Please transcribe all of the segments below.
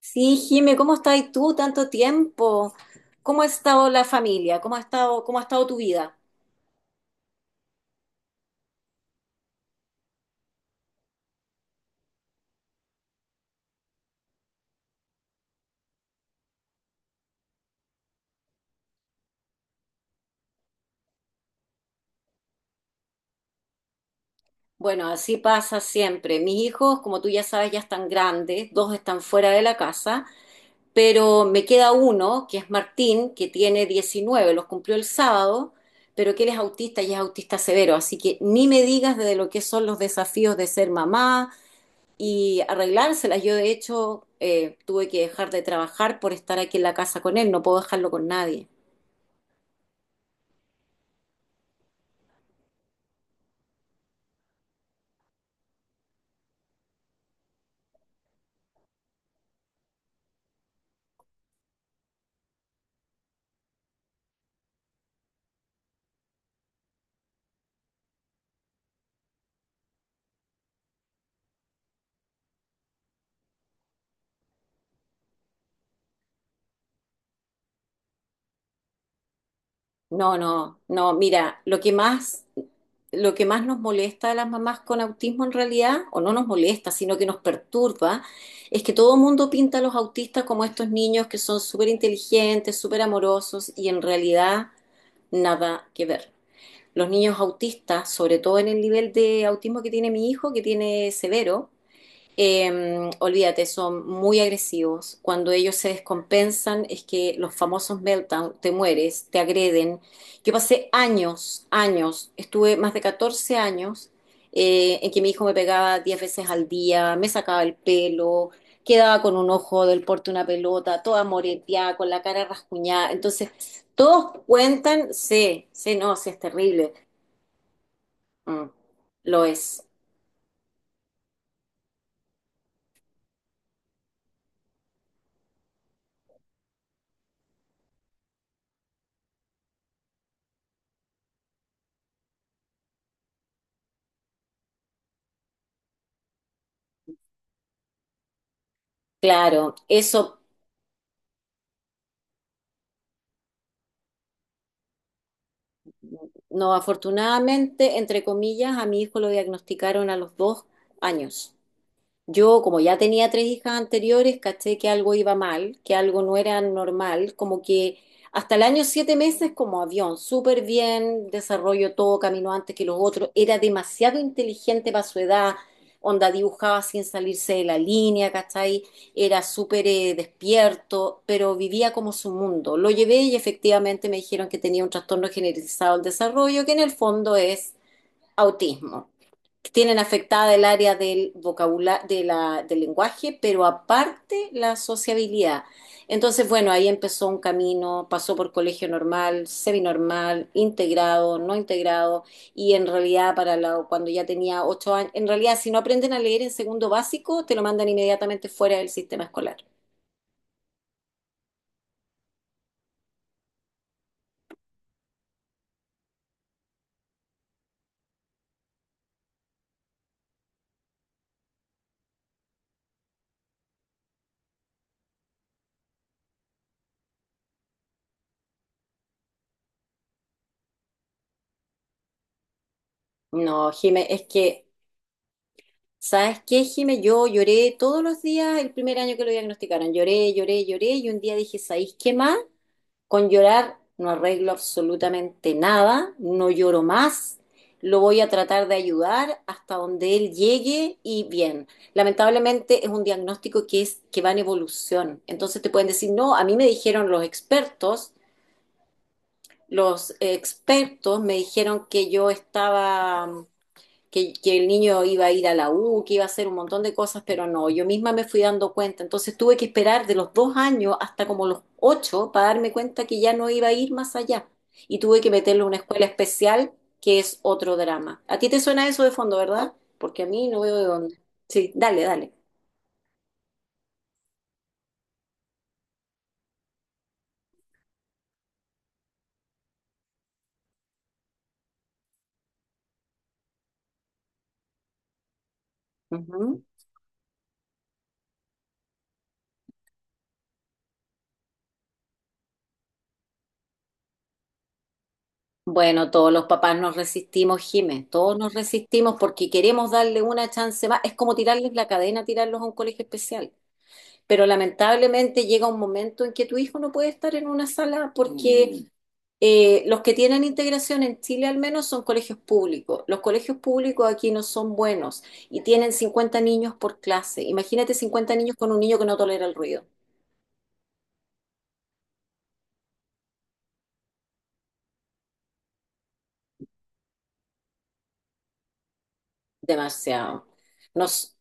Sí, Jime, ¿cómo estás tú tanto tiempo? ¿Cómo ha estado la familia? ¿Cómo ha estado tu vida? Bueno, así pasa siempre. Mis hijos, como tú ya sabes, ya están grandes, dos están fuera de la casa, pero me queda uno, que es Martín, que tiene 19, los cumplió el sábado, pero que él es autista y es autista severo, así que ni me digas de lo que son los desafíos de ser mamá y arreglárselas. Yo, de hecho, tuve que dejar de trabajar por estar aquí en la casa con él, no puedo dejarlo con nadie. No, no, no, mira, lo que más nos molesta a las mamás con autismo en realidad, o no nos molesta, sino que nos perturba, es que todo el mundo pinta a los autistas como estos niños que son súper inteligentes, súper amorosos, y en realidad nada que ver. Los niños autistas, sobre todo en el nivel de autismo que tiene mi hijo, que tiene severo, olvídate, son muy agresivos. Cuando ellos se descompensan, es que los famosos meltdown, te mueres, te agreden. Yo pasé años, años, estuve más de 14 años en que mi hijo me pegaba 10 veces al día, me sacaba el pelo, quedaba con un ojo del porte de una pelota, toda moreteada, con la cara rascuñada. Entonces, todos cuentan, sí, sí, no, sí, es terrible. Mm, lo es. Claro, eso no, afortunadamente, entre comillas, a mi hijo lo diagnosticaron a los 2 años. Yo, como ya tenía tres hijas anteriores, caché que algo iba mal, que algo no era normal, como que hasta el año 7 meses como avión, súper bien, desarrollo todo, caminó antes que los otros, era demasiado inteligente para su edad, onda dibujaba sin salirse de la línea, ¿cachai? Era súper despierto, pero vivía como su mundo. Lo llevé y efectivamente me dijeron que tenía un trastorno generalizado del desarrollo, que en el fondo es autismo, tienen afectada el área del vocabulario, del lenguaje, pero aparte la sociabilidad. Entonces, bueno, ahí empezó un camino, pasó por colegio normal, seminormal, integrado, no integrado, y en realidad cuando ya tenía 8 años, en realidad si no aprenden a leer en segundo básico, te lo mandan inmediatamente fuera del sistema escolar. No, Jime, es que, ¿sabes qué, Jime? Yo lloré todos los días el primer año que lo diagnosticaron. Lloré, lloré, lloré y un día dije, ¿sabéis qué más? Con llorar no arreglo absolutamente nada, no lloro más, lo voy a tratar de ayudar hasta donde él llegue y bien. Lamentablemente es un diagnóstico que va en evolución. Entonces te pueden decir, "No, a mí me dijeron los expertos me dijeron que yo estaba que el niño iba a ir a la U, que iba a hacer un montón de cosas, pero no, yo misma me fui dando cuenta. Entonces tuve que esperar de los 2 años hasta como los ocho para darme cuenta que ya no iba a ir más allá. Y tuve que meterlo a una escuela especial, que es otro drama. ¿A ti te suena eso de fondo, verdad? Porque a mí no veo de dónde. Sí, dale, dale. Ujú. Bueno, todos los papás nos resistimos, Jimé, todos nos resistimos porque queremos darle una chance más. Es como tirarles la cadena, tirarlos a un colegio especial, pero lamentablemente llega un momento en que tu hijo no puede estar en una sala, porque los que tienen integración en Chile al menos son colegios públicos. Los colegios públicos aquí no son buenos y tienen 50 niños por clase. Imagínate 50 niños con un niño que no tolera el ruido. Demasiado. Nos,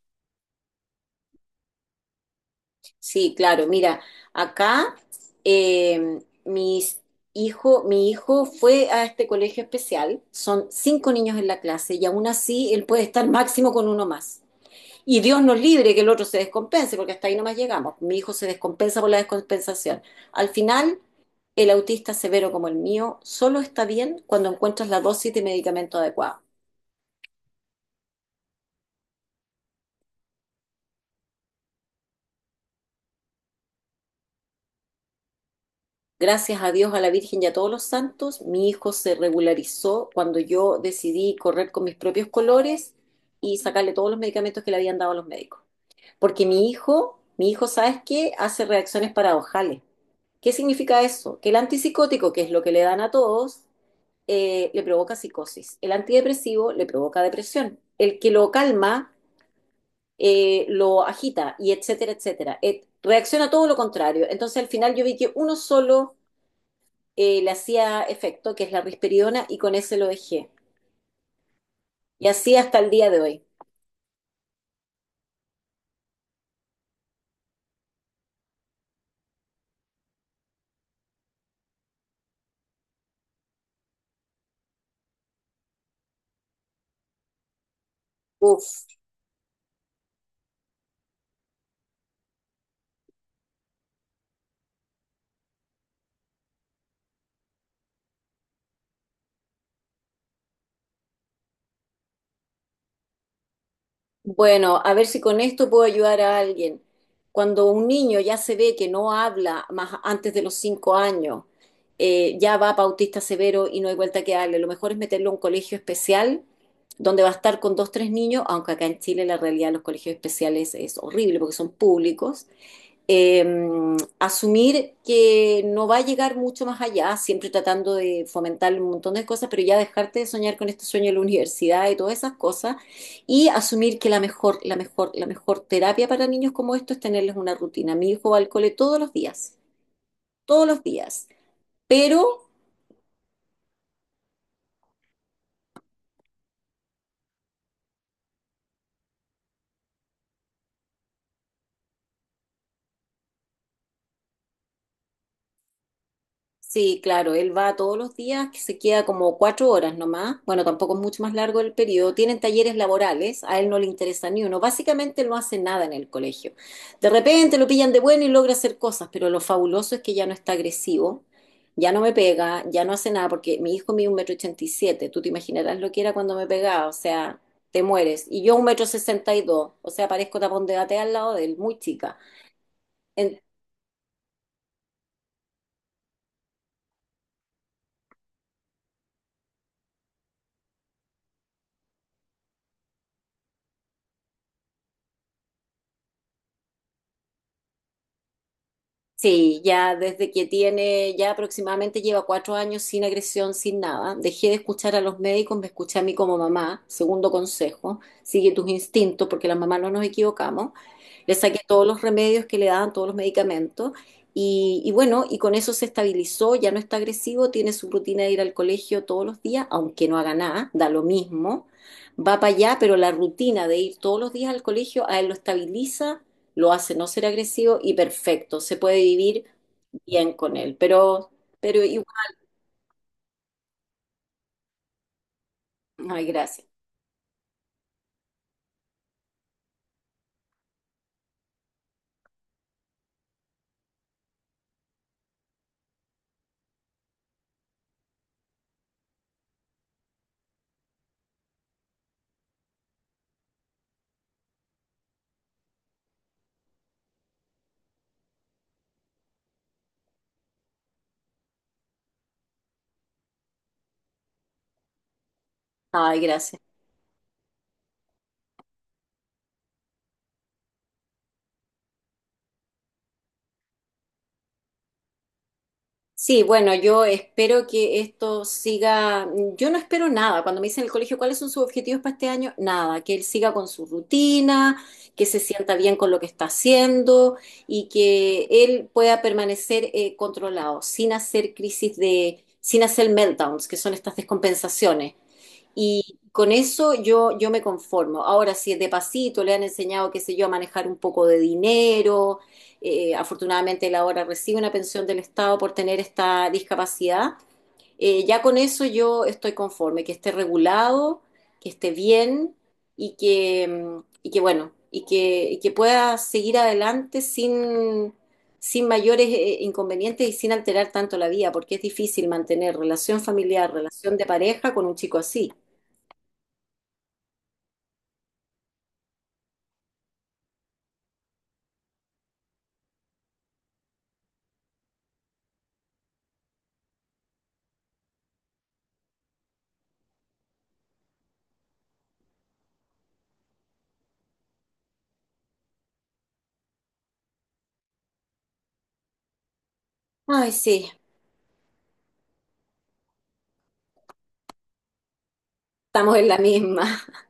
sí, claro, mira, acá eh, mis mi hijo fue a este colegio especial, son cinco niños en la clase y aún así él puede estar máximo con uno más. Y Dios nos libre que el otro se descompense, porque hasta ahí nomás llegamos. Mi hijo se descompensa por la descompensación. Al final, el autista severo como el mío solo está bien cuando encuentras la dosis de medicamento adecuada. Gracias a Dios, a la Virgen y a todos los santos, mi hijo se regularizó cuando yo decidí correr con mis propios colores y sacarle todos los medicamentos que le habían dado a los médicos. Porque mi hijo, ¿sabes qué? Hace reacciones paradojales. ¿Qué significa eso? Que el antipsicótico, que es lo que le dan a todos, le provoca psicosis, el antidepresivo le provoca depresión, el que lo calma lo agita y etcétera, etcétera. Reacciona todo lo contrario. Entonces al final yo vi que uno solo le hacía efecto, que es la risperidona, y con ese lo dejé. Y así hasta el día de hoy. Uf. Bueno, a ver si con esto puedo ayudar a alguien. Cuando un niño ya se ve que no habla más antes de los 5 años, ya va autista severo y no hay vuelta que darle. Lo mejor es meterlo a un colegio especial donde va a estar con dos, tres niños, aunque acá en Chile la realidad de los colegios especiales es horrible porque son públicos, eh, asumir que no va a llegar mucho más allá, siempre tratando de fomentar un montón de cosas, pero ya dejarte de soñar con este sueño de la universidad y todas esas cosas, y asumir que la mejor, la mejor, la mejor terapia para niños como esto es tenerles una rutina. Mi hijo va al cole todos los días, todos los días. pero Sí, claro, él va todos los días, que se queda como 4 horas nomás. Bueno, tampoco es mucho más largo el periodo. Tienen talleres laborales, a él no le interesa ni uno. Básicamente él no hace nada en el colegio. De repente lo pillan de bueno y logra hacer cosas, pero lo fabuloso es que ya no está agresivo, ya no me pega, ya no hace nada, porque mi hijo mide un metro ochenta y siete. Tú te imaginarás lo que era cuando me pegaba, o sea, te mueres. Y yo un metro sesenta y dos, o sea, parezco tapón de gatea al lado de él, muy chica. Sí, ya aproximadamente lleva 4 años sin agresión, sin nada. Dejé de escuchar a los médicos, me escuché a mí como mamá. Segundo consejo, sigue tus instintos porque las mamás no nos equivocamos. Le saqué todos los remedios que le daban, todos los medicamentos. Y bueno, y con eso se estabilizó, ya no está agresivo, tiene su rutina de ir al colegio todos los días, aunque no haga nada, da lo mismo. Va para allá, pero la rutina de ir todos los días al colegio a él lo estabiliza, lo hace no ser agresivo y perfecto, se puede vivir bien con él. Pero igual, ay, gracias, ay, gracias. Sí, bueno, yo espero que esto siga, yo no espero nada. Cuando me dicen en el colegio cuáles son sus objetivos para este año, nada, que él siga con su rutina, que se sienta bien con lo que está haciendo y que él pueda permanecer controlado, sin hacer meltdowns, que son estas descompensaciones. Y con eso yo me conformo. Ahora, si de pasito le han enseñado, qué sé yo, a manejar un poco de dinero, afortunadamente él ahora recibe una pensión del Estado por tener esta discapacidad, ya con eso yo estoy conforme, que esté regulado, que esté bien y que, y que bueno, y que pueda seguir adelante sin mayores inconvenientes y sin alterar tanto la vida, porque es difícil mantener relación familiar, relación de pareja con un chico así. Ay, sí, estamos en la misma.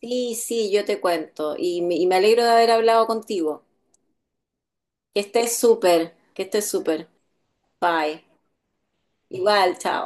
Sí, sí, yo te cuento. Y me alegro de haber hablado contigo. Que estés súper, que estés súper. Bye. Igual, chao.